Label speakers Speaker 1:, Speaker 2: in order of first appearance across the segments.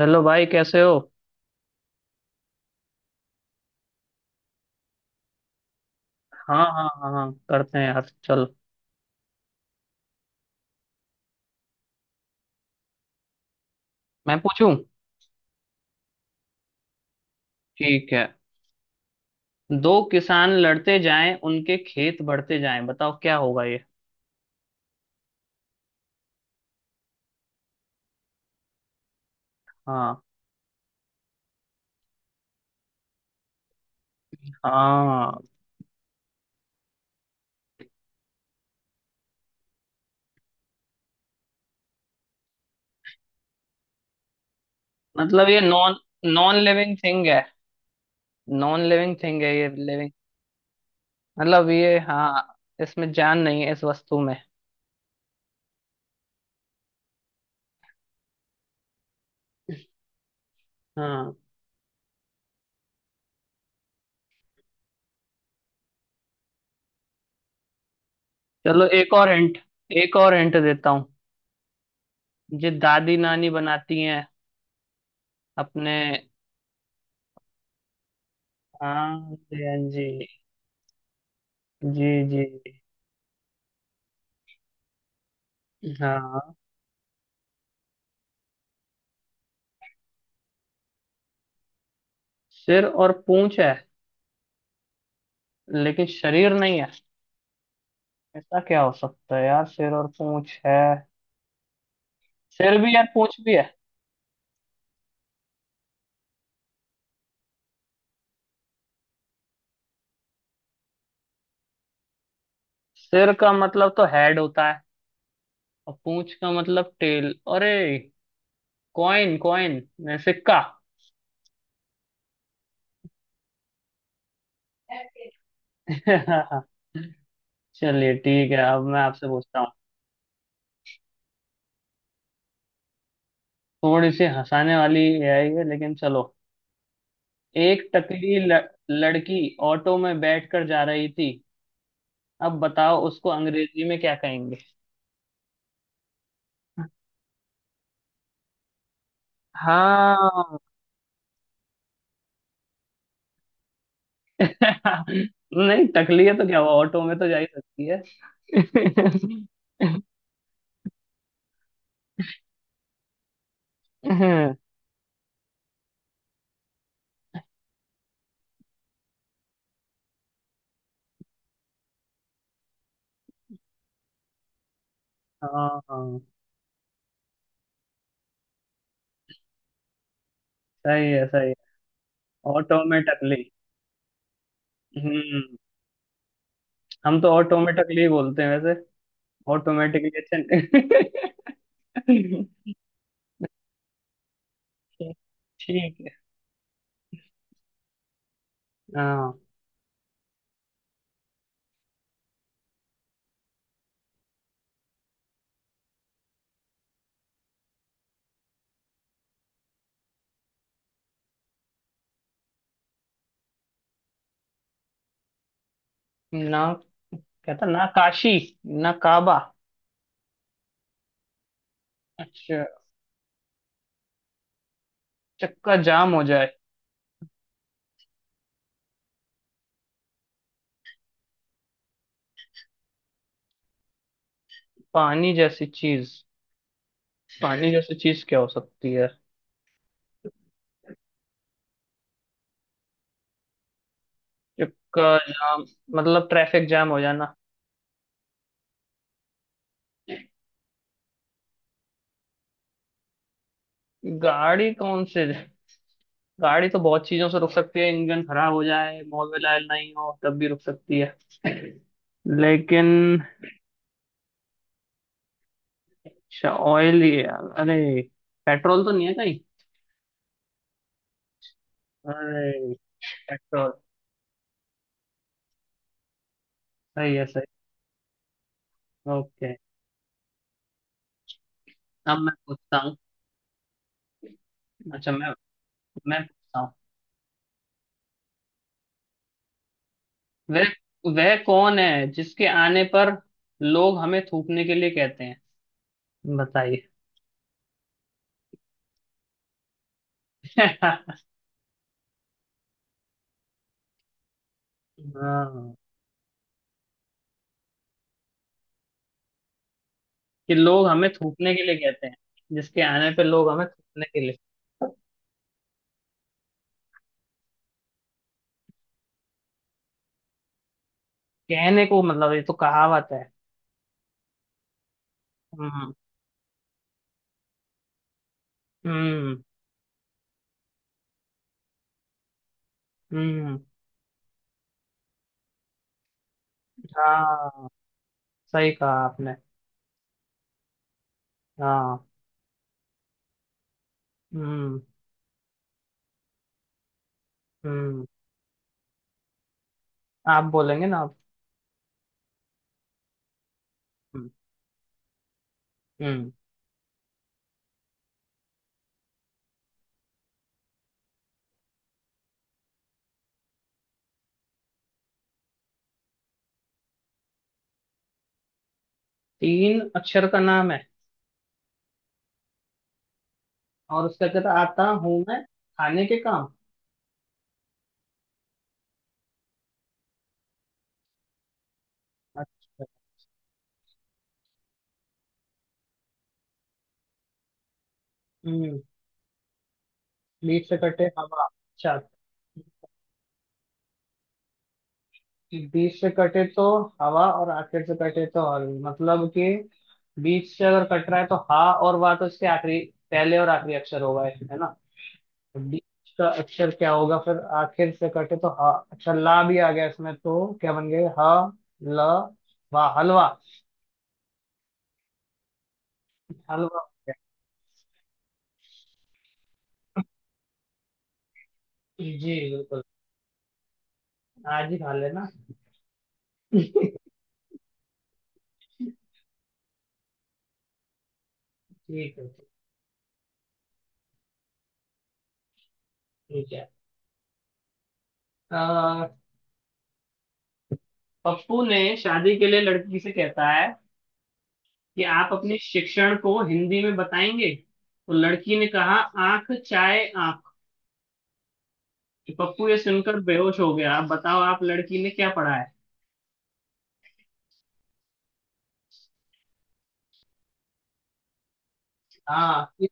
Speaker 1: Hello भाई, कैसे हो? हाँ हाँ हाँ हाँ, करते हैं यार, चल। मैं पूछूं? ठीक है। दो किसान लड़ते जाएं, उनके खेत बढ़ते जाएं, बताओ क्या होगा ये? हाँ। हाँ। मतलब ये नॉन नॉन लिविंग थिंग है। नॉन लिविंग थिंग है, ये लिविंग? मतलब ये, हाँ, इसमें जान नहीं है इस वस्तु में। हाँ। चलो एक और हिंट, एक और हिंट देता हूँ। ये दादी नानी बनाती हैं अपने। हाँ जी, हाँ जी। जी जी। हाँ, सिर और पूंछ है लेकिन शरीर नहीं है। ऐसा क्या हो सकता है यार, सिर और पूंछ है? सिर भी यार पूंछ भी है। सिर का मतलब तो हेड होता है, और पूंछ का मतलब टेल। अरे कॉइन कॉइन, सिक्का। चलिए ठीक है, अब मैं आपसे पूछता हूँ। थोड़ी सी हंसाने वाली है ये, लेकिन चलो। एक टकली लड़की ऑटो में बैठकर जा रही थी, अब बताओ उसको अंग्रेजी में क्या कहेंगे? हाँ। नहीं, टकली है तो क्या हुआ, ऑटो में तो जा ही सकती है। हाँ हाँ, सही है सही है। ऑटो में टकली। हम्म। हम तो ऑटो में टकली ही बोलते हैं वैसे। ऑटोमेटिकली, अच्छा नहीं। ठीक है। हाँ, ना कहता ना काशी ना काबा। अच्छा, चक्का जाम हो जाए। पानी जैसी चीज। पानी जैसी चीज क्या हो सकती है? चक्का जाम मतलब ट्रैफिक जाम हो जाना। गाड़ी कौन से, गाड़ी तो बहुत चीजों से रुक सकती है, इंजन खराब हो जाए, मोबिल ऑयल नहीं हो तब भी रुक सकती है। लेकिन अच्छा ऑयल ही है। अरे पेट्रोल तो नहीं है कहीं। अरे पेट्रोल। सही है सही। ओके। अब मैं पूछता हूँ। अच्छा मैं पूछता हूँ। वह वह कौन है जिसके आने पर लोग हमें थूकने के लिए कहते हैं, बताइए। हाँ, कि लोग हमें थूकने के लिए कहते हैं, जिसके आने पे लोग हमें थूकने के लिए। कहने को मतलब ये तो कहावत है। हम्म। हम्म। हम्म। हाँ सही कहा आपने। हाँ। हम्म हम्म आप बोलेंगे ना आप। हम्म। हम्म। तीन अक्षर का नाम है और उसका कहता आता हूँ मैं खाने के काम। अच्छा। हम्म। बीच से कटे हवा, अच्छा। बीच से कटे तो हवा, और आखिर से कटे तो हवा मतलब कि बीच से अगर कट रहा है तो हा और वाह, तो इसके आखिरी, पहले और आखिरी अक्षर होगा इसमें, है ना? डी का अक्षर क्या होगा फिर? आखिर से कटे तो हा, अच्छा ला भी आ गया इसमें, तो क्या बन गए, ह, ल, वा, हलवा। हलवा हो गया। जी बिल्कुल, आज ही खा लेना। ठीक है। ठीक है। अह, पप्पू ने शादी के लिए लड़की से कहता है कि आप अपने शिक्षण को हिंदी में बताएंगे, तो लड़की ने कहा, आंख चाहे आंख। पप्पू ये सुनकर बेहोश हो गया। अब बताओ आप लड़की ने क्या पढ़ा है? हाँ इस,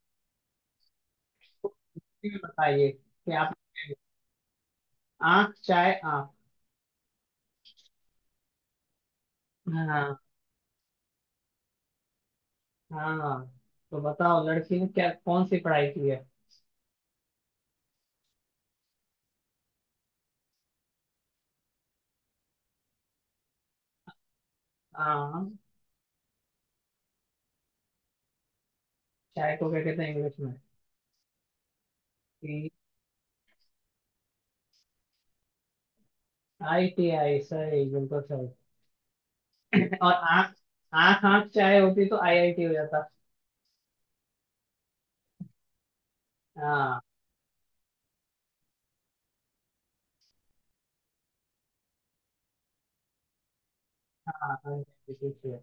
Speaker 1: हिंदी में बताइए कि आप। आंख चाहे आंख। हाँ। हाँ तो बताओ लड़की ने क्या कौन सी पढ़ाई की है? हाँ चाय को क्या कहते हैं इंग्लिश में? टी। आई टी आई, सही बिल्कुल सही। और आंख। आंख आंख चाय होती तो आई आई टी हो जाता। हाँ। IIT,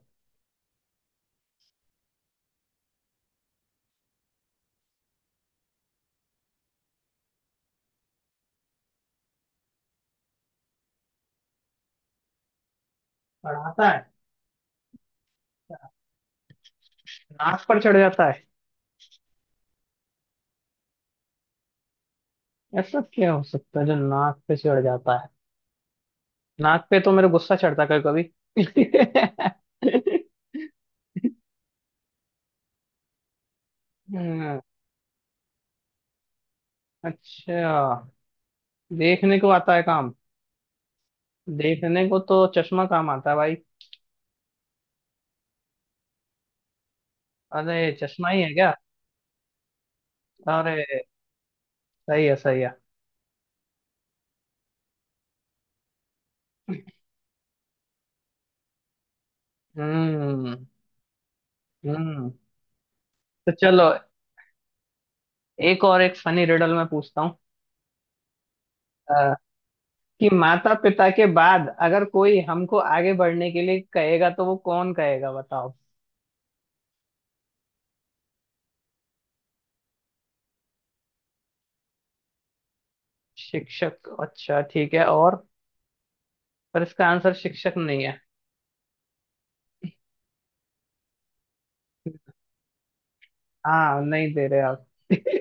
Speaker 1: पढ़ाता है। नाक पर चढ़ जाता है? ऐसा क्या हो सकता है जो नाक पे चढ़ जाता है? नाक पे तो मेरा गुस्सा चढ़ता है कभी कभी। हम्म, अच्छा देखने को आता है काम। देखने को तो चश्मा काम आता है भाई। अरे चश्मा ही है क्या? अरे सही है सही है। हम्म। हम्म तो चलो। एक और, एक फनी रिडल मैं पूछता हूँ। अ, कि माता पिता के बाद अगर कोई हमको आगे बढ़ने के लिए कहेगा तो वो कौन कहेगा बताओ। शिक्षक? अच्छा ठीक है, और पर इसका आंसर शिक्षक नहीं है। हाँ नहीं दे रहे आप।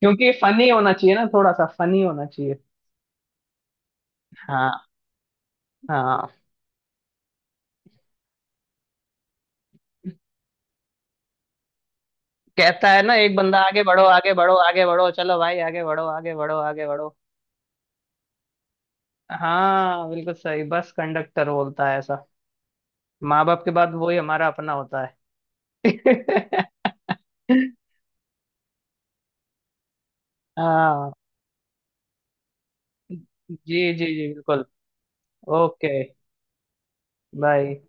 Speaker 1: क्योंकि फनी होना चाहिए ना, थोड़ा सा फनी होना चाहिए। हाँ। हाँ कहता है ना, एक बंदा आगे बढ़ो आगे बढ़ो आगे बढ़ो, चलो भाई आगे बढ़ो आगे बढ़ो आगे बढ़ो। हाँ बिल्कुल सही, बस कंडक्टर बोलता है ऐसा। माँ बाप के बाद वही हमारा अपना होता है। हाँ जी जी जी बिल्कुल। ओके। बाय।